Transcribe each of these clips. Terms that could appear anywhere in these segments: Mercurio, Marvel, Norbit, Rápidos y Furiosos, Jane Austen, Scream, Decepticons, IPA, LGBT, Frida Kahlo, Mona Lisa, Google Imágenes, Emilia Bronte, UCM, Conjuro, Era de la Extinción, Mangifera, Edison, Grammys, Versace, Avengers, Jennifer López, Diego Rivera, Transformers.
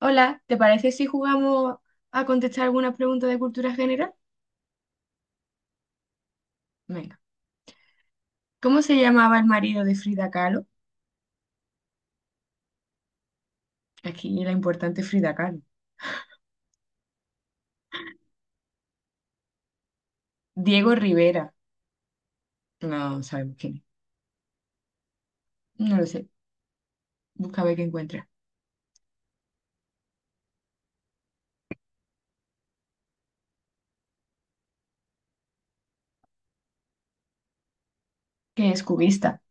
Hola, ¿te parece si jugamos a contestar algunas preguntas de cultura general? Venga. ¿Cómo se llamaba el marido de Frida Kahlo? Aquí la importante Frida Kahlo. Diego Rivera. No sabemos quién es. No lo sé. Busca a ver qué encuentra. ¿Qué es cubista?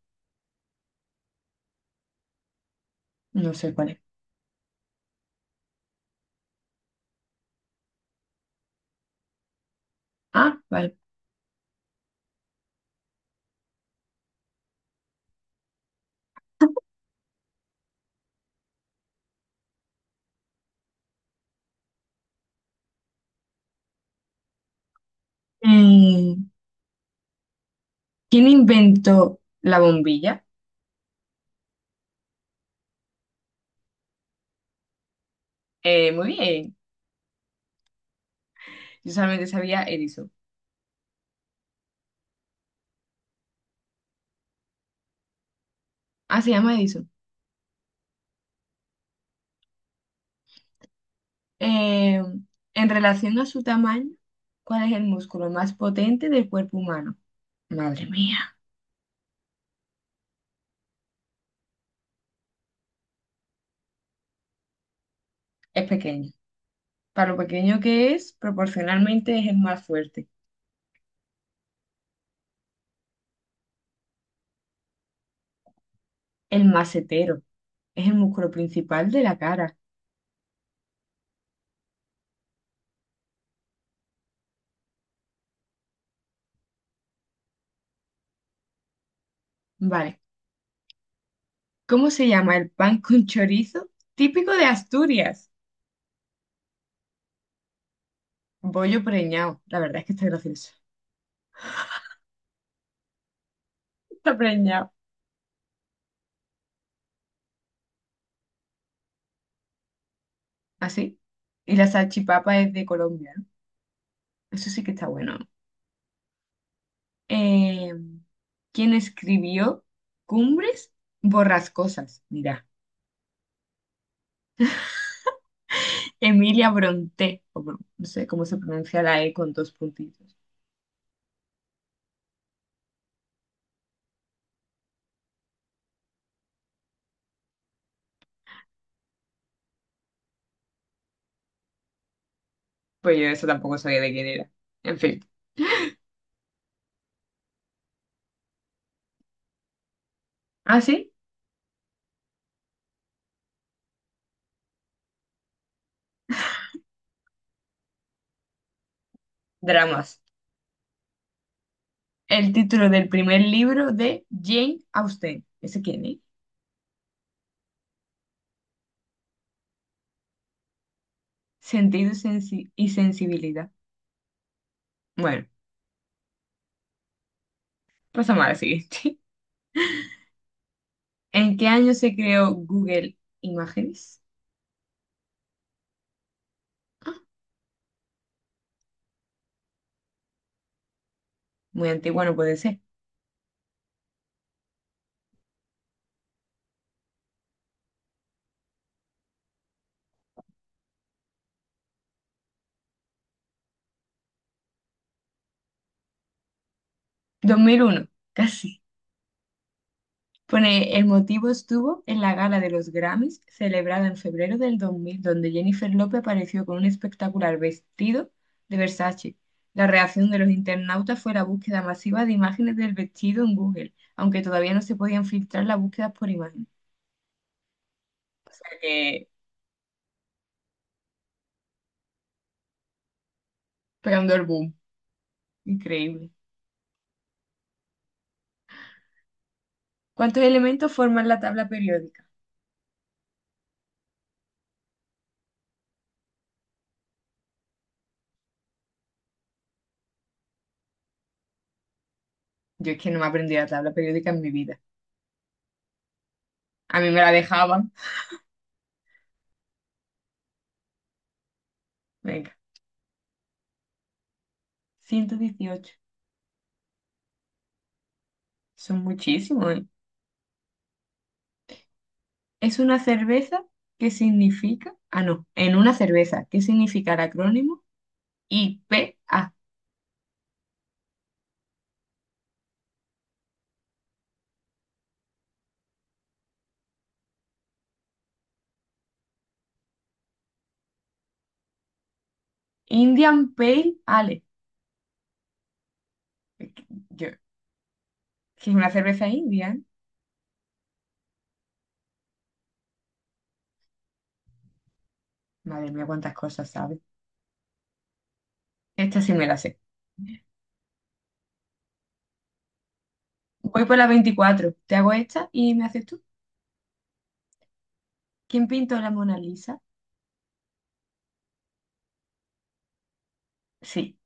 No sé cuál es. Ah, vale. Mm, ¿Quién inventó la bombilla? Muy bien. Yo solamente sabía Edison. Ah, se llama Edison. Eh, en relación a su tamaño, ¿cuál es el músculo más potente del cuerpo humano? Madre mía, es pequeño. Para lo pequeño que es, proporcionalmente es el más fuerte, el macetero. Es el músculo principal de la cara. Vale. ¿Cómo se llama el pan con chorizo típico de Asturias? Bollo preñado. La verdad es que está gracioso. Está preñado. Así. Y la salchipapa es de Colombia, ¿no? Eso sí que está bueno. Eh, ¿Quién escribió Cumbres borrascosas? Mira. Emilia Bronte, o Bron- no sé cómo se pronuncia la E con dos puntitos. Pues yo eso tampoco sabía de quién era. En fin. Ah, sí, dramas. El título del primer libro de Jane Austen. ¿Ese quién es? Sentido y sensi- y sensibilidad. Bueno, pasamos a la siguiente. ¿En qué año se creó Google Imágenes? Ah, muy antiguo no puede ser. 2001, casi. Pone, el motivo estuvo en la gala de los Grammys, celebrada en febrero del 2000, donde Jennifer López apareció con un espectacular vestido de Versace. La reacción de los internautas fue la búsqueda masiva de imágenes del vestido en Google, aunque todavía no se podían filtrar las búsquedas por imagen. O sea que, pegando el boom. Increíble. ¿Cuántos elementos forman la tabla periódica? Yo es que no me aprendí la tabla periódica en mi vida. A mí me la dejaban. Venga, 118. Son muchísimos, ¿eh? Es una cerveza que significa, ah, no, en una cerveza, ¿qué significa el acrónimo? I P a Indian Pale Ale. Yo, que es una cerveza india, ¿eh? Madre mía, cuántas cosas sabes. Esta sí me la sé. Voy por la 24. Te hago esta y me haces tú. ¿Quién pintó la Mona Lisa? Sí,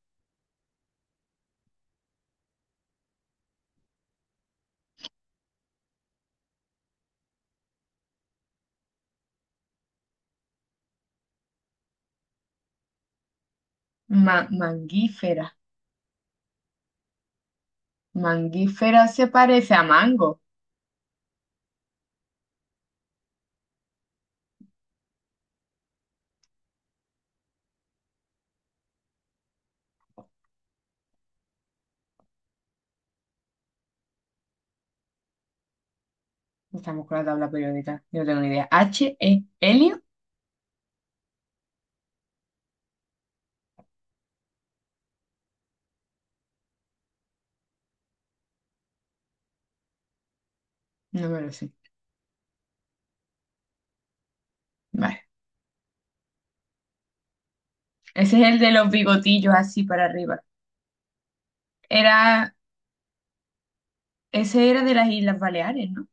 Mangífera. Mangífera se parece a mango. Estamos con la tabla periódica. Yo no tengo ni idea. ¿H-E? ¿Helio? No me lo sé. Vale. Ese es el de los bigotillos así para arriba. Era, ese era de las Islas Baleares, ¿no?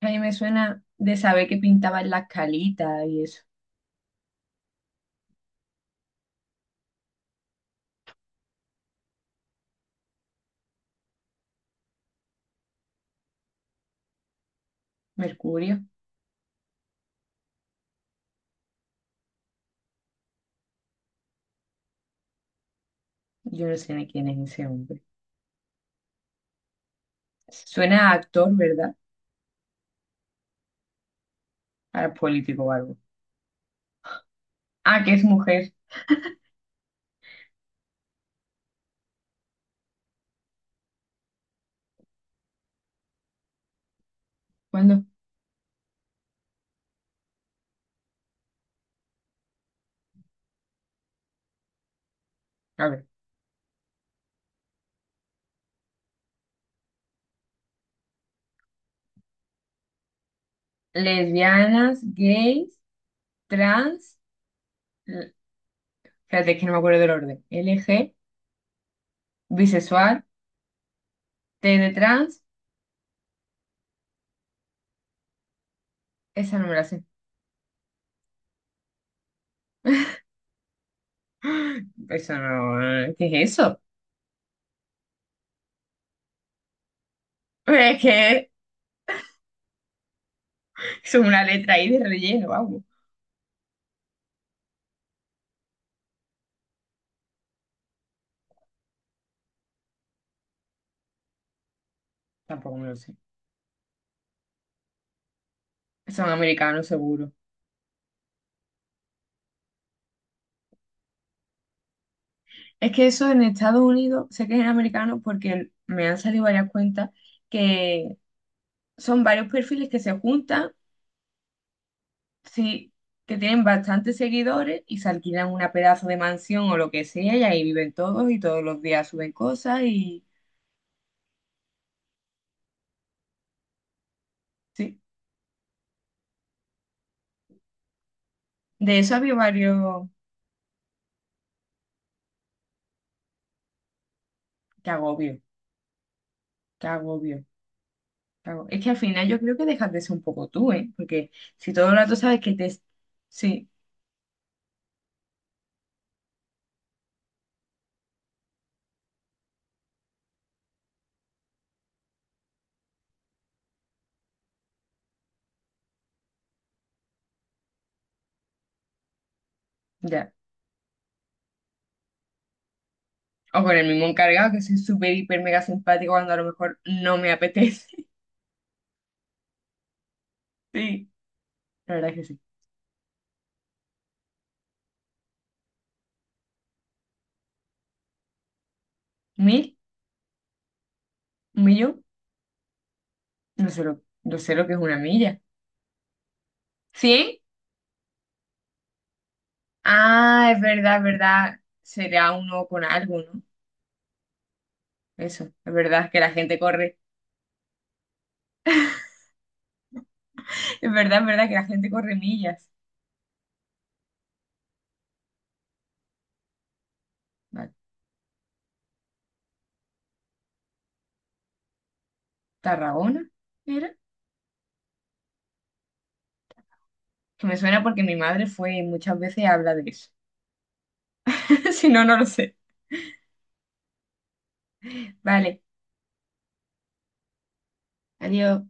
A mí me suena de saber que pintaban las calitas y eso. Mercurio, yo no sé ni quién es ese hombre. Suena a actor, ¿verdad? A político o algo. Ah, que es mujer. ¿Cuándo? A ver. Lesbianas, gays, trans. L- Espérate, que no me acuerdo del orden. L G bisexual, T de trans. Esa no me la sé. Eso no. ¿Qué es eso? Pero es que es una letra ahí de relleno, vamos. Tampoco me lo sé. Son americanos, seguro. Es que eso en Estados Unidos, sé que es en americano porque me han salido varias cuentas que son varios perfiles que se juntan, sí, que tienen bastantes seguidores y se alquilan una pedazo de mansión o lo que sea y ahí viven todos y todos los días suben cosas y sí. De eso había varios... Qué agobio, qué agobio, qué agobio. Es que al final yo creo que dejas de ser un poco tú, ¿eh? Porque si todo el rato sabes que te... Sí. Ya. O con el mismo encargado, que soy súper, hiper, mega simpático cuando a lo mejor no me apetece. Sí, la verdad es que sí. ¿Mil? ¿Un millón? No sé lo que es una milla. ¿Cien? Ah, es verdad, es verdad. Será uno con algo, ¿no? Eso, es verdad que la gente corre. Es verdad que la gente corre millas. ¿La ¿Tarragona era? Que me suena porque mi madre fue y muchas veces habla de eso. Si no, no lo sé. Vale, adiós.